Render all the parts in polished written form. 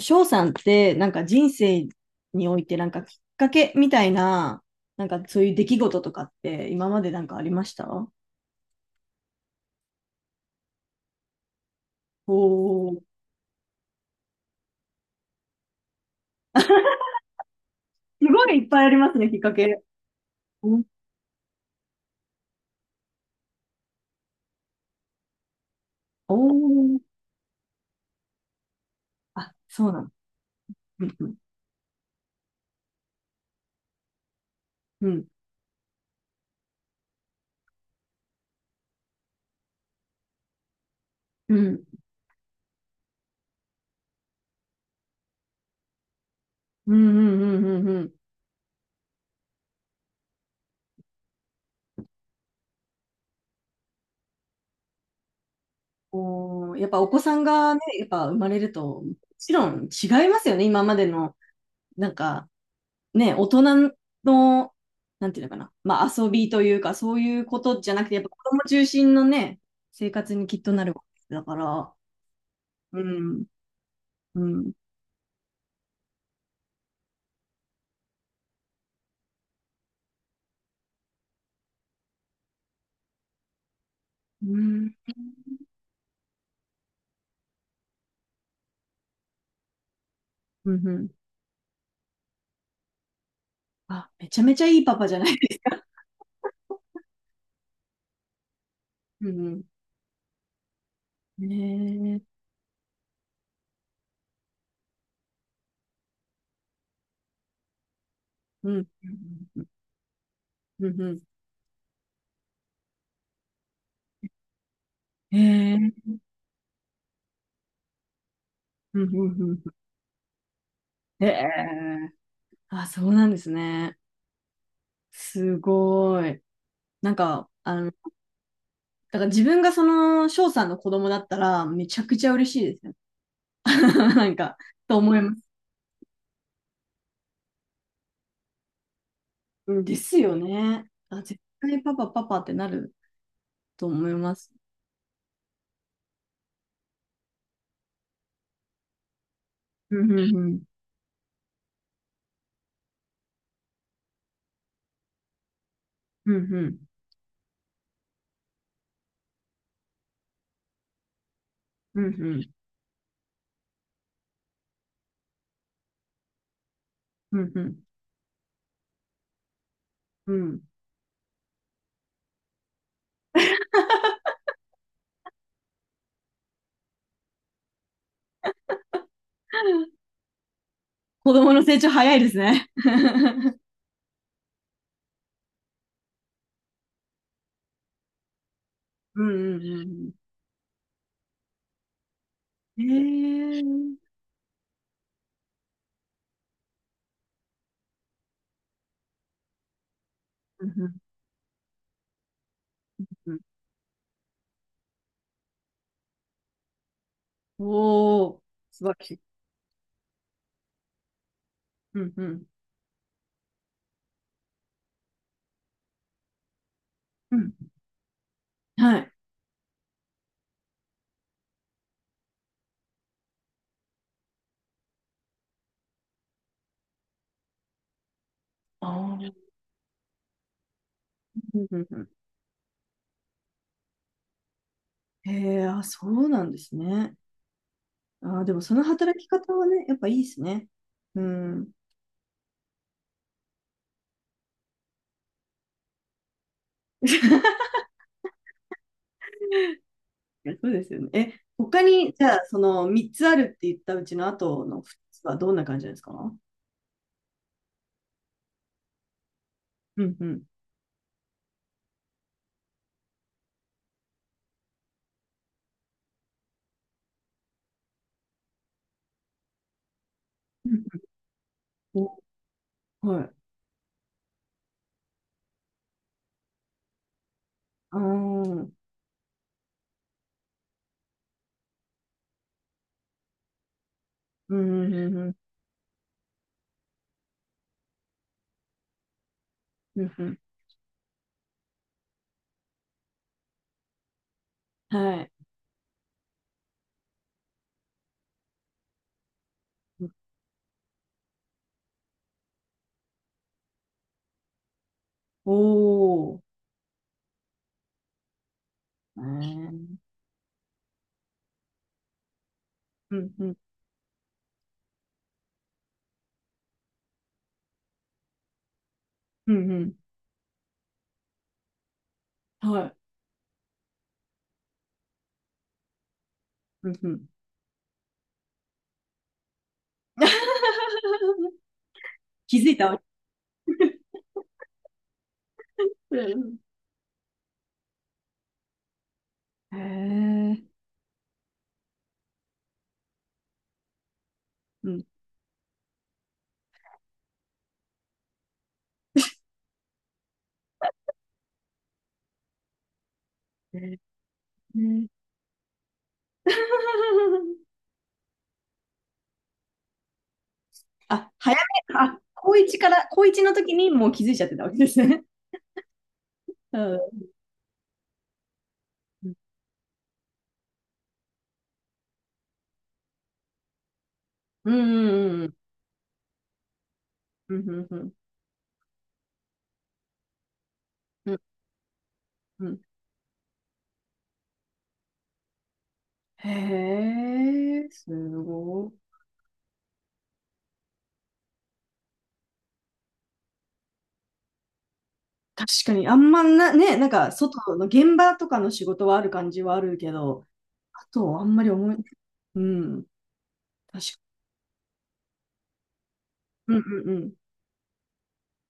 翔さんって、なんか人生において、なんかきっかけみたいな、なんかそういう出来事とかって、今までなんかありました？おー、すごいいっぱいありますね、きっかけ。うん。おー、あ、そうなの。うん、うん、うん、うん、うん、うん、うん、うん。おー、やっぱお子さんがね、やっぱ生まれると、もちろん違いますよね、今までの、なんか、ね、大人の、なんていうのかな、まあ遊びというか、そういうことじゃなくて、やっぱ子供中心のね、生活にきっとなるわけだから、うん、うん、うん、うん、うん。あ、めちゃめちゃいいパパじゃないですか。うん、うん。ねえ、うん、うん、うん、うん。うん。へえ、うん、うん、うん。へえ、あ、そうなんですね。すごい。なんか、あの、だから自分がその翔さんの子供だったら、めちゃくちゃ嬉しいですよね。 なんか、と思います。うんですよね。あ、絶対パパパパってなると思います。うんうんうん。うんうん。うんうん。うんうん。うん。 子供の成長早いですね。うんうんうんうん。へえ。うんうんうん。おお、素晴らしい。うんうん。うん。はい。ああ。うんうんうん。へえ、あ、そうなんですね。ああ、でもその働き方はね、やっぱいいですね。うん。ね、そうですよね。え、他に、じゃあ、その3つあるって言ったうちの後の2つはどんな感じなんですか？うんうん。うん。お、はい。ああ。うんうんうんうんうんうん。はい。おお。えー。うんうんうんうん。はい。うんうん。気づいたわ。うん。へえ。うん。へー。あ、早め、あ、高一から、高一の時にもう気づいちゃってたわけですね。うん。うんうんうん。うんうんうん。うんうん。へえ、すごい。確かに、あんまな、ね、なんか、外の現場とかの仕事はある感じはあるけど、あと、あんまり思い、うん、確かに。うんうんうん。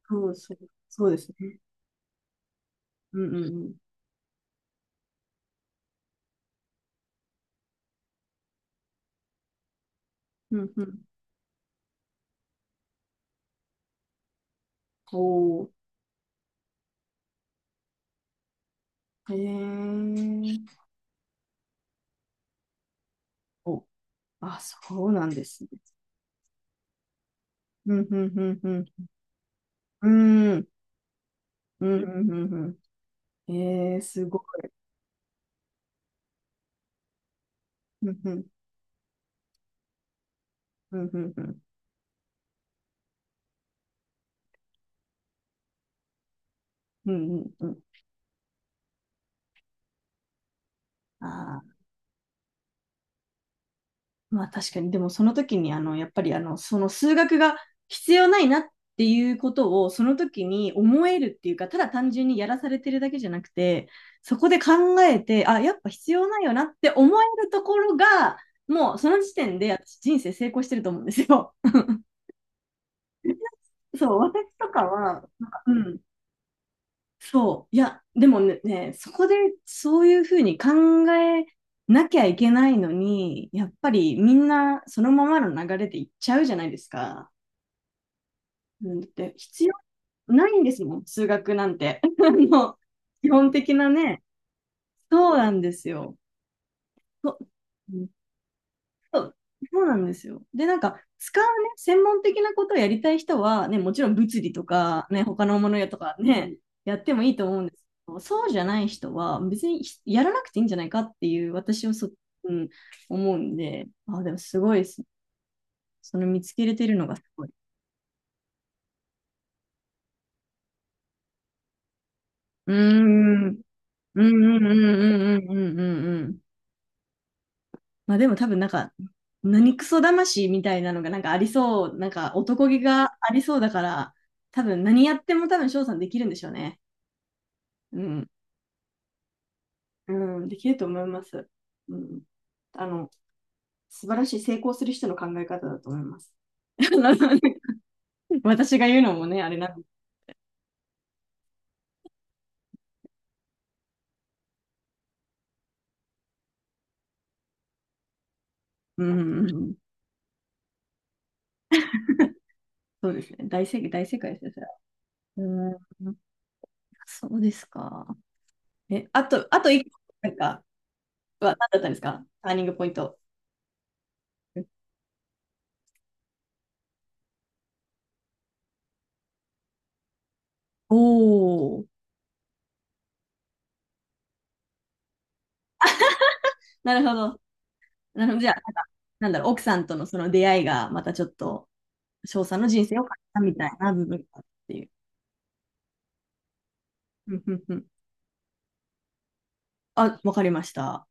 そうそう、そうですね。うんうんうん。うんうん。おー、へえ。お、あ、そうなんですね。うんうんうんうん。うん、うんうんうんうん。えー、すごい。うんうんうんうんうん。うんうんうん。あ、まあ確かに、でもその時にあの、やっぱりあの、その数学が必要ないなっていうことをその時に思えるっていうか、ただ単純にやらされてるだけじゃなくて、そこで考えて、あ、やっぱ必要ないよなって思えるところが、もうその時点で私人生成功してると思うんですよ。そう、私とかは、なんかうん、そう。いや、でもね、ね、そこでそういうふうに考えなきゃいけないのに、やっぱりみんなそのままの流れで行っちゃうじゃないですか。うん、だって必要ないんですもん、数学なんて。もう基本的なね。そうなんですよ。そうそう、そうなんですよ。で、なんか、使うね、専門的なことをやりたい人は、ね、もちろん物理とか、ね、他のものやとかね、やってもいいと思うんですけど、そうじゃない人は、別にひやらなくていいんじゃないかっていう、私はそ、うん、思うんで、あ、でもすごいですね。その見つけれてるのがすごい。うーん、うん、うん、うん、うん、うん、うん、うん、うん。まあでも多分なんか、何クソ魂みたいなのがなんかありそう、なんか男気がありそうだから、多分何やっても多分翔さんできるんでしょうね。うん。うん、できると思います。うん。あの、素晴らしい成功する人の考え方だと思います。あの、私が言うのもね、あれな。うんうん。そうですね。大正解、大正解ですよ、それは。うん。そうですか。え、あと、あと一個、なんか、は何だったんですか、ターニングポイント。おお。なるほど。なので、じゃあ、なんか、なんだろう、奥さんとのその出会いが、またちょっと、翔さんの人生を変えたみたいな部分があるっていう。うんうんうん。あ、わかりました。